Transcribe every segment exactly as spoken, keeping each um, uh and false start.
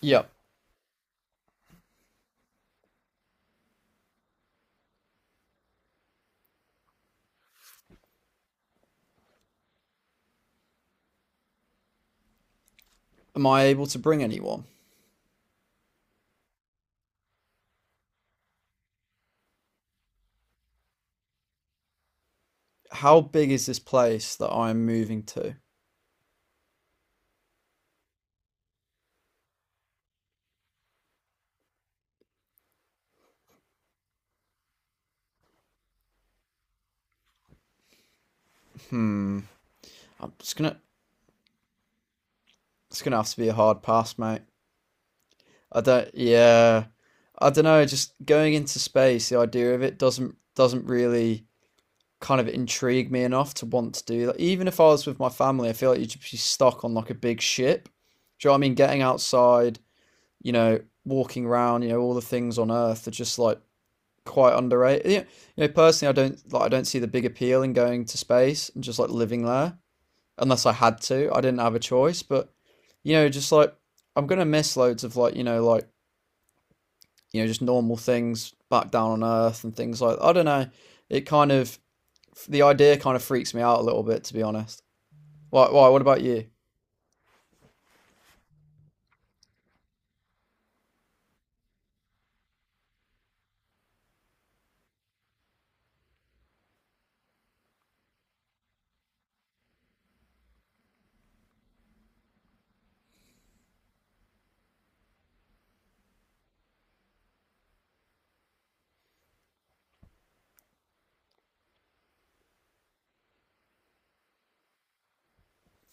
Yep. Am I able to bring anyone? How big is this place that I'm moving to? Hmm. I'm just gonna. It's gonna have to be a hard pass, mate. I don't. Yeah. I don't know. Just going into space, the idea of it doesn't doesn't really kind of intrigue me enough to want to do that. Even if I was with my family, I feel like you'd just be stuck on like a big ship. Do you know what I mean? Getting outside, you know, walking around, you know, all the things on Earth are just like quite underrated. You know, you know, personally, I don't like. I don't see the big appeal in going to space and just like living there, unless I had to. I didn't have a choice, but you know, just like I'm gonna miss loads of like you know, like you know, just normal things back down on Earth and things like. I don't know. It kind of the idea kind of freaks me out a little bit, to be honest. Why? Why? What about you?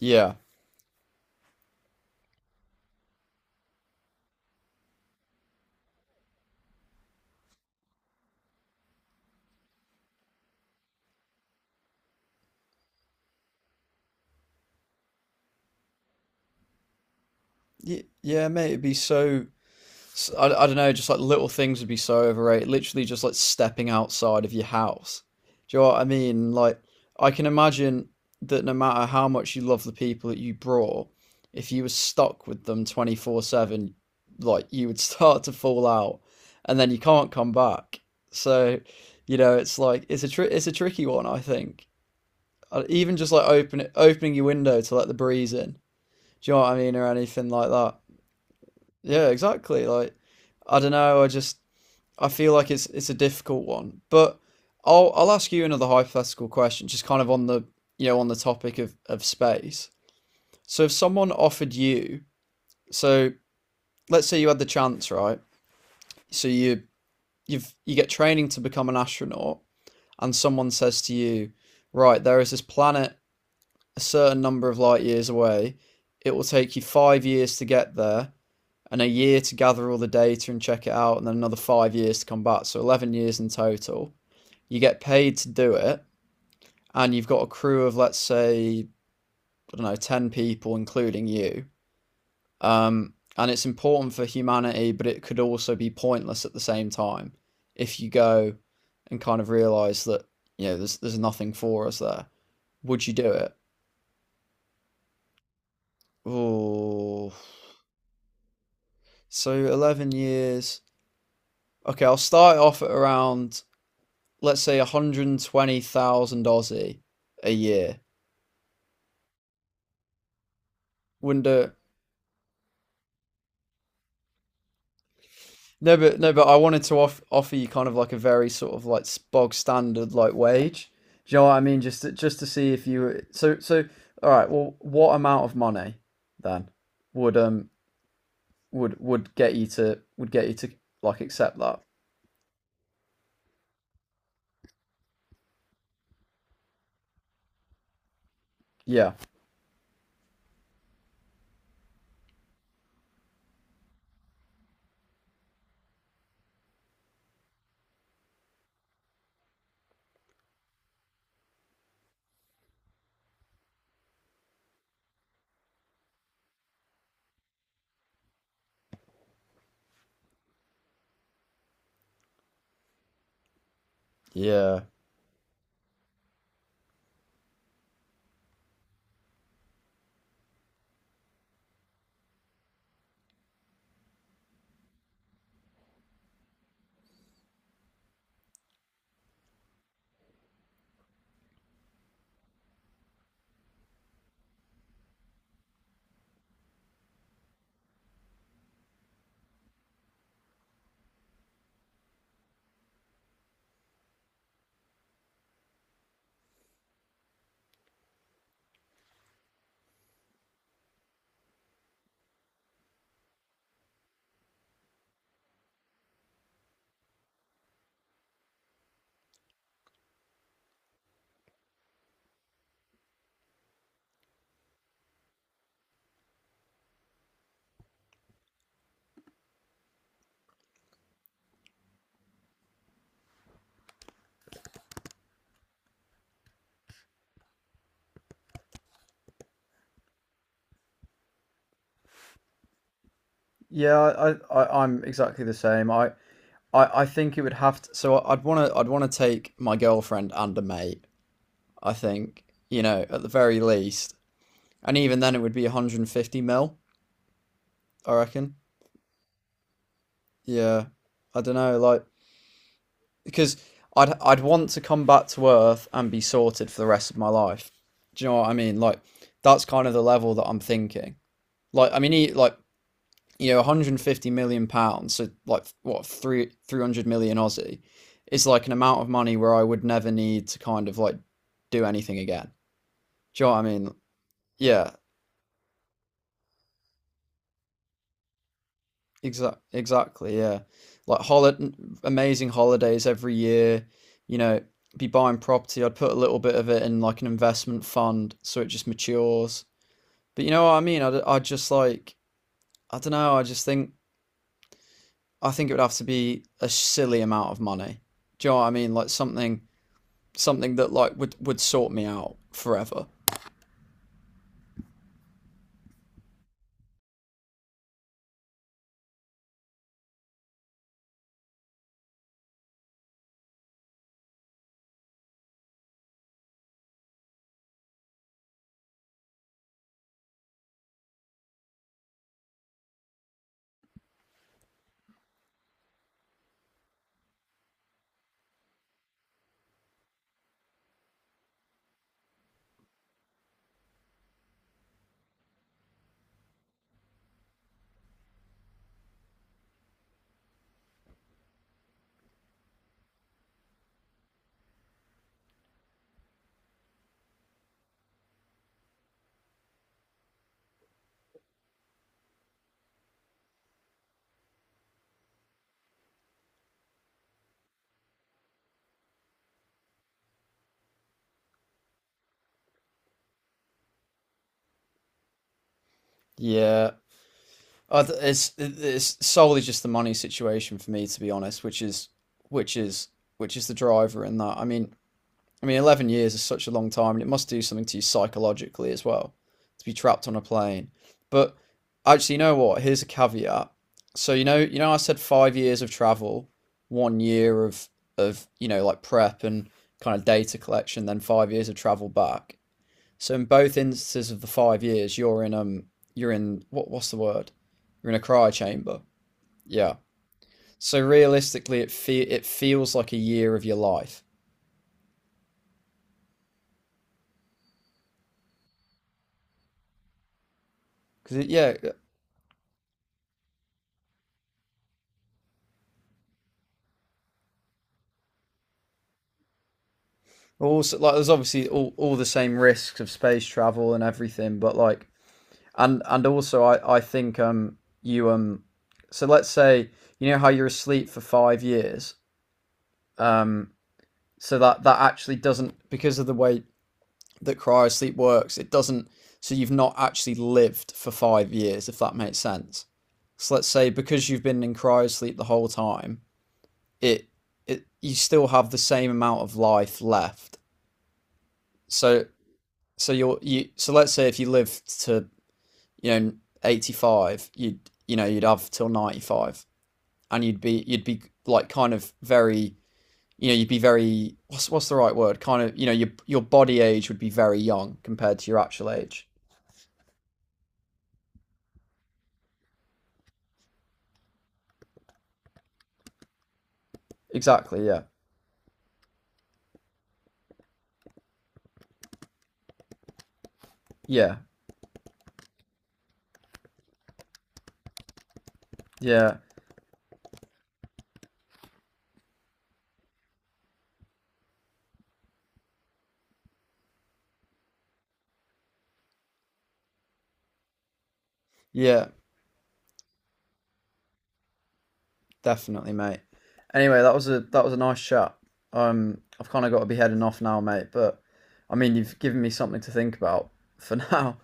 Yeah. Y- yeah, mate. It'd be so I I I, I don't know, just like little things would be so overrated. Literally, just like stepping outside of your house. Do you know what I mean? Like, I can imagine that no matter how much you love the people that you brought, if you were stuck with them twenty-four seven, like, you would start to fall out and then you can't come back. So, you know, it's like, it's a, tri- it's a tricky one, I think. Uh, Even just like open it opening your window to let the breeze in. Do you know what I mean? Or anything like that. Yeah, exactly. Like, I don't know. I just I feel like it's it's a difficult one, but I'll I'll ask you another hypothetical question, just kind of on the you know on the topic of of space. So if someone offered you, so let's say you had the chance, right? So you you've you get training to become an astronaut, and someone says to you, right, there is this planet a certain number of light years away. It will take you five years to get there, and a year to gather all the data and check it out, and then another five years to come back. So eleven years in total, you get paid to do it, and you've got a crew of, let's say, I don't know, ten people, including you. Um, and it's important for humanity, but it could also be pointless at the same time if you go and kind of realize that, you know, there's, there's nothing for us there. Would you do it? Oh, so eleven years. Okay, I'll start off at around, let's say, one hundred twenty thousand Aussie a year. Wouldn't do it. No, but no, but I wanted to off, offer you kind of like a very sort of like bog standard like wage. Do you know what I mean? Just to, just to see if you were- so so. All right. Well, what amount of money then would um would would get you to would get you to like accept that? Yeah. Yeah. Yeah. I, I I- I'm exactly the same. I I I think it would have to. So I'd wanna I'd wanna take my girlfriend and a mate. I think you know at the very least, and even then it would be one hundred fifty mil. I reckon. Yeah, I don't know, like because I'd I'd want to come back to Earth and be sorted for the rest of my life. Do you know what I mean? Like that's kind of the level that I'm thinking. Like I mean, he, like you know, one hundred fifty million pounds, so like what three 300 million Aussie is like an amount of money where I would never need to kind of like do anything again. Do you know what I mean? Yeah. Exact, exactly, yeah. Like holiday, amazing holidays every year. You know, be buying property. I'd put a little bit of it in like an investment fund so it just matures. But you know what I mean? I'd, i would just like, I don't know. I just think, I think it would have to be a silly amount of money. Do you know what I mean? Like something, something that like would would sort me out forever. Yeah, I th- it's it's solely just the money situation for me, to be honest, which is which is which is the driver in that. I mean, I mean, eleven years is such a long time, and it must do something to you psychologically as well to be trapped on a plane. But actually, you know what? Here's a caveat. So you know, you know, I said five years of travel, one year of of you know like prep and kind of data collection, then five years of travel back. So in both instances of the five years, you're in um, you're in what what's the word? You're in a cryo chamber. Yeah. So realistically, it fe- it feels like a year of your life because yeah. Also, like, there's obviously all, all the same risks of space travel and everything, but like, and and also, I I think um you um so let's say you know how you're asleep for five years. Um so that that actually doesn't, because of the way that cryosleep works it doesn't. So you've not actually lived for five years, if that makes sense. So let's say, because you've been in cryosleep the whole time, it it you still have the same amount of life left. So so you're you so let's say if you lived to, you know eighty-five, you'd, you know you'd have till ninety-five, and you'd be you'd be like kind of very, you know you'd be very, what's what's the right word, kind of, you know your your body age would be very young compared to your actual age. Exactly. Yeah. Yeah. Yeah. Yeah. Definitely, mate. Anyway, that was a that was a nice chat. Um, I've kind of got to be heading off now, mate. But I mean, you've given me something to think about for now.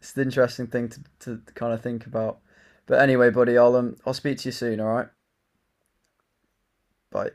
It's an interesting thing to to kind of think about. But anyway, buddy, I'll um, I'll speak to you soon. All right, bye.